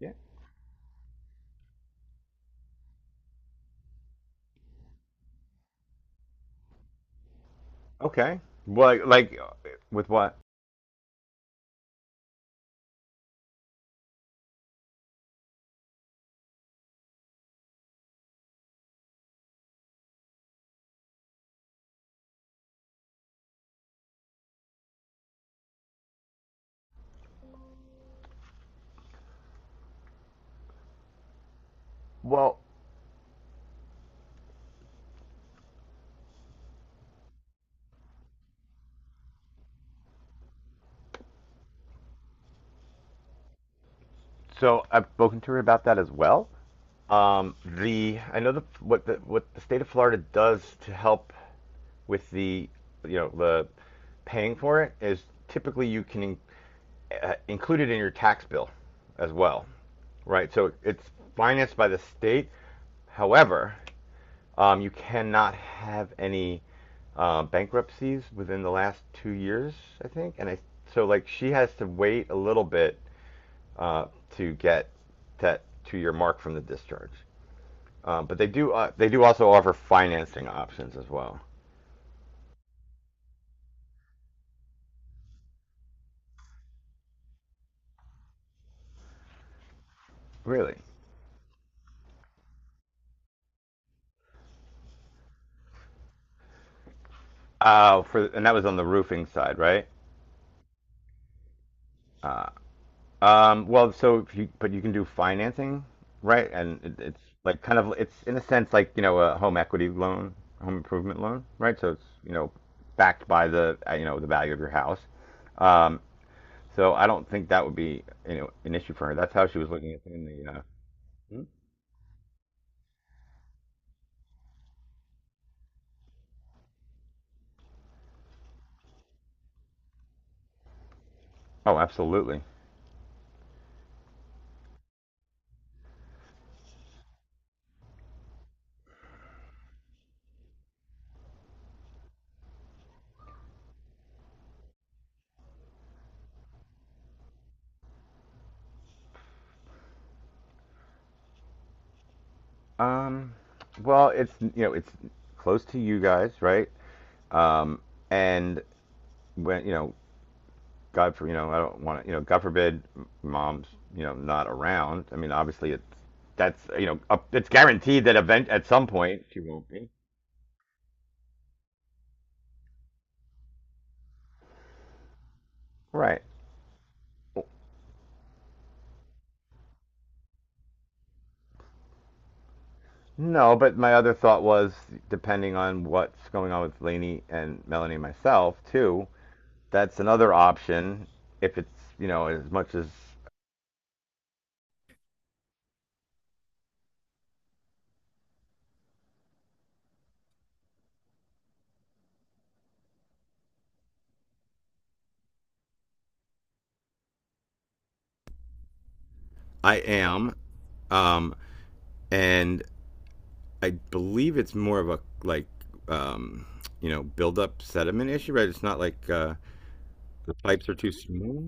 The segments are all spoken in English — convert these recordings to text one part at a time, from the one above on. Yeah. Okay. Well, with what? Well, so I've spoken to her about that as well. The I know the what the state of Florida does to help with the the paying for it is typically you can in, include it in your tax bill as well, right? So it's financed by the state. However, you cannot have any bankruptcies within the last 2 years, I think. And I so like she has to wait a little bit uh, to get that to your mark from the discharge. But they do also offer financing options as well. Really? For and that was on the roofing side, right? Uh, well, so if you but you can do financing, right? And it's like kind of it's in a sense like you know a home equity loan, home improvement loan, right? So it's you know backed by the you know the value of your house. Um, so I don't think that would be you know an issue for her. That's how she was looking at it in the. Oh, absolutely. Um, well, it's you know it's close to you guys, right? Um, and when you know, God for you know, I don't want to you know, God forbid, mom's you know not around. I mean, obviously it's that's you know up, it's guaranteed that event at some point she won't be. Right. No, but my other thought was, depending on what's going on with Lainey and Melanie and myself too, that's another option. If it's you know as much as I am, um, and I believe it's more of a like um, you know buildup sediment issue, right? It's not the pipes are too small.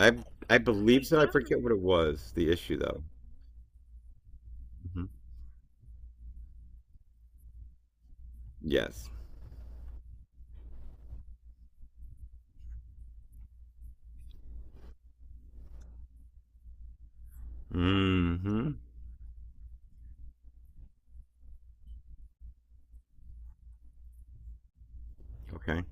I I believe so. I forget what it was. The issue though. Hmm. Yes. Hmm. Okay.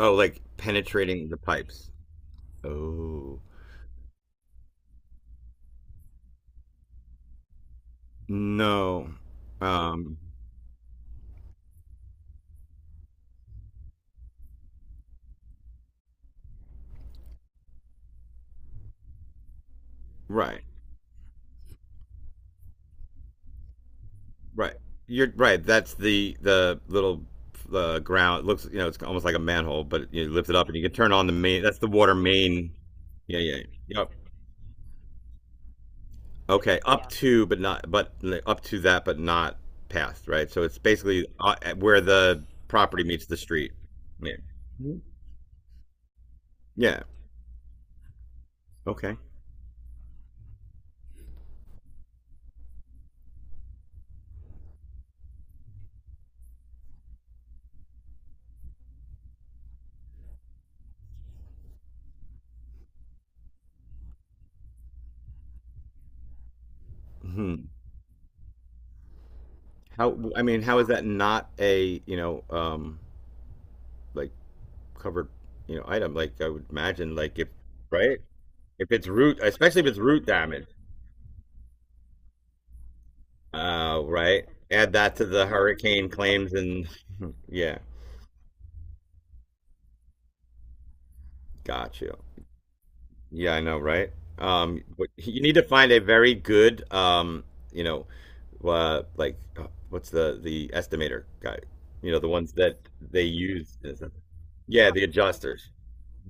Oh, like penetrating the pipes. Oh, no. Um. Right. Right. You're right. That's the little ground. It looks you know it's almost like a manhole, but you lift it up and you can turn on the main. That's the water main. Yeah. Yeah. Yep. Okay, yeah. Up yeah. To but not but up to that but not past, right? So it's basically where the property meets the street. Yeah. Mhm. Yeah. Okay. Hmm. How I mean, how is that not a, you know, like covered, you know, item like I would imagine like if right? If it's root, especially if it's root damage. Right? Add that to the hurricane claims and yeah, got you. Yeah, I know, right? But you need to find a very good, you know, what's the estimator guy? You know, the ones that they use. Yeah, the adjusters.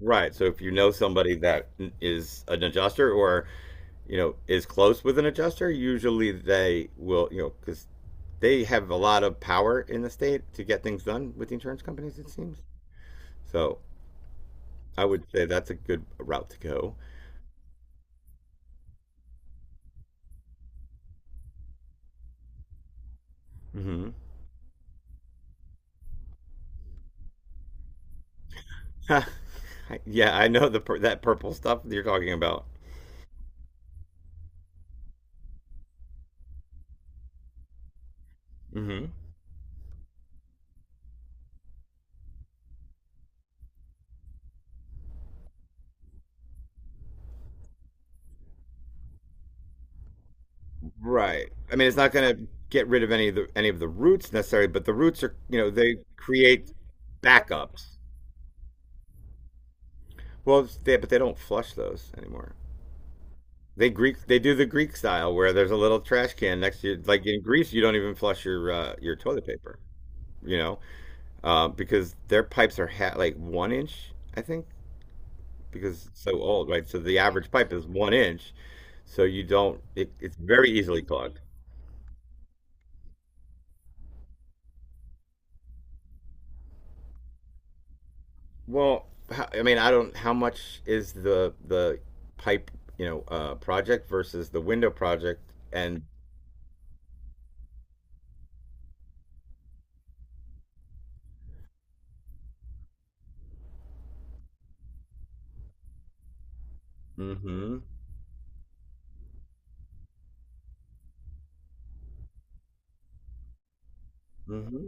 Right. So if you know somebody that is an adjuster or, you know, is close with an adjuster, usually they will, you know, because they have a lot of power in the state to get things done with the insurance companies, it seems. So I would say that's a good route to go. Mm-hmm. Yeah, I know that purple stuff that you're talking about. Mm-hmm. Right. I mean, it's not going to get rid of any of the roots necessarily, but the roots are you know they create backups. Well, but they don't flush those anymore. They do the Greek style where there's a little trash can next to you. Like in Greece, you don't even flush your toilet paper, you know, because their pipes are like one inch, I think, because it's so old, right? So the average pipe is one inch, so you don't. It's very easily clogged. Well, how, I mean, I don't. How much is the pipe, you know, project versus the window project? And mm-hmm, mm-hmm.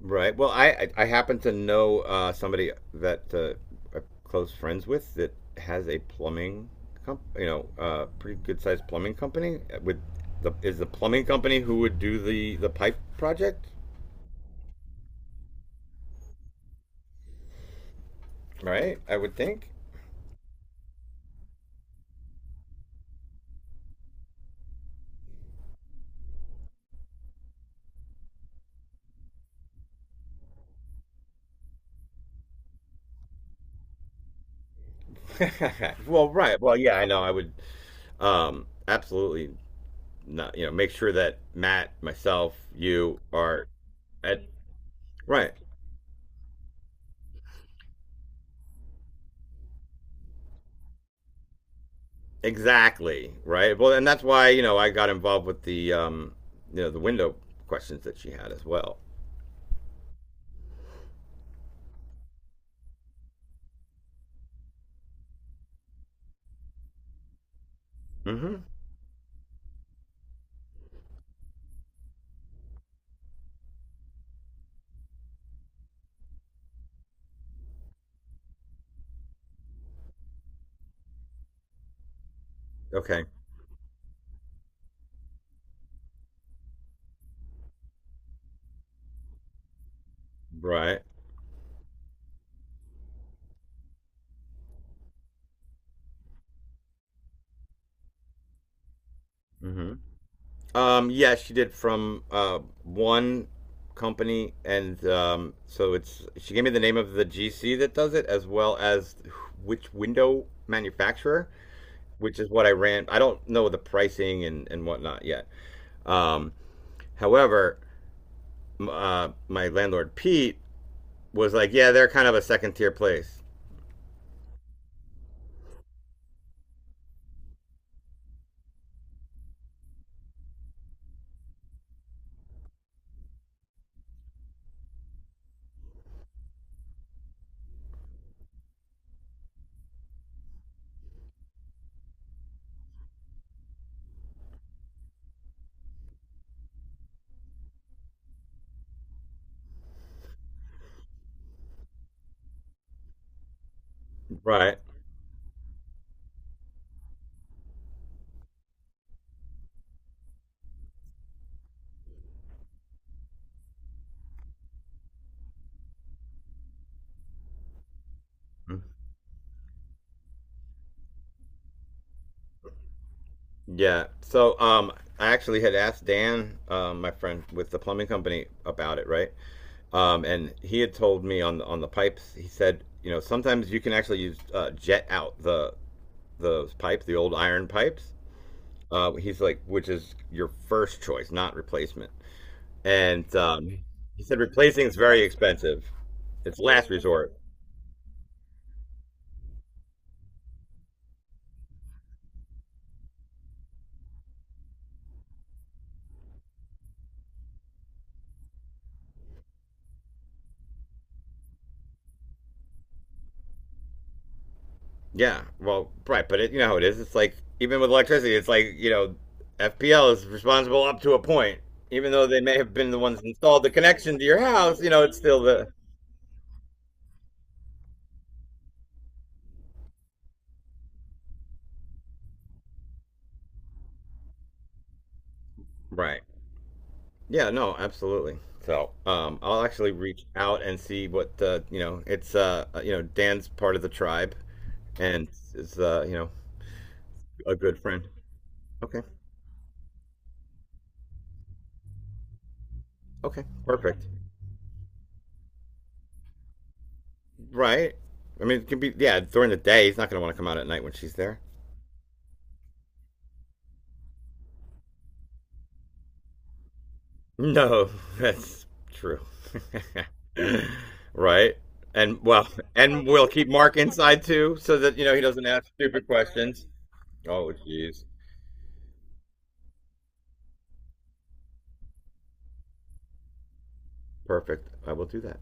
Right. Well, I happen to know somebody that I'm close friends with that has a plumbing you know, pretty good sized plumbing company with the is the plumbing company who would do the pipe project. Right? I would think. Well, right. Well, yeah, I know. I would absolutely not, you know, make sure that Matt, myself, you are at right. Exactly, right? Well, and that's why, you know, I got involved with the you know, the window questions that she had as well. Hmm. Okay. Right. Mm-hmm. Yeah, she did from one company, and so it's she gave me the name of the GC that does it, as well as which window manufacturer, which is what I ran. I don't know the pricing and whatnot yet. Um, however, my landlord Pete was like, "Yeah, they're kind of a second tier place, right?" Yeah. So I actually had asked Dan, my friend with the plumbing company, about it, right? And he had told me on the pipes. He said, you know, sometimes you can actually use jet out the those pipes, the old iron pipes. He's like, which is your first choice, not replacement. And he said replacing is very expensive. It's last resort. Yeah, well, right, but it, you know how it is. It's like even with electricity, it's like you know, FPL is responsible up to a point. Even though they may have been the ones that installed the connection to your house, you know, it's still the right. Yeah, no, absolutely. So I'll actually reach out and see what you know. It's you know, Dan's part of the tribe and is you know, a good friend. Okay, okay, perfect. Right. I mean, it can be yeah during the day. He's not gonna want to come out at night when she's there. No, that's true. Right. And well, and we'll keep Mark inside too, so that you know he doesn't ask stupid questions. Oh, jeez. Perfect. I will do that.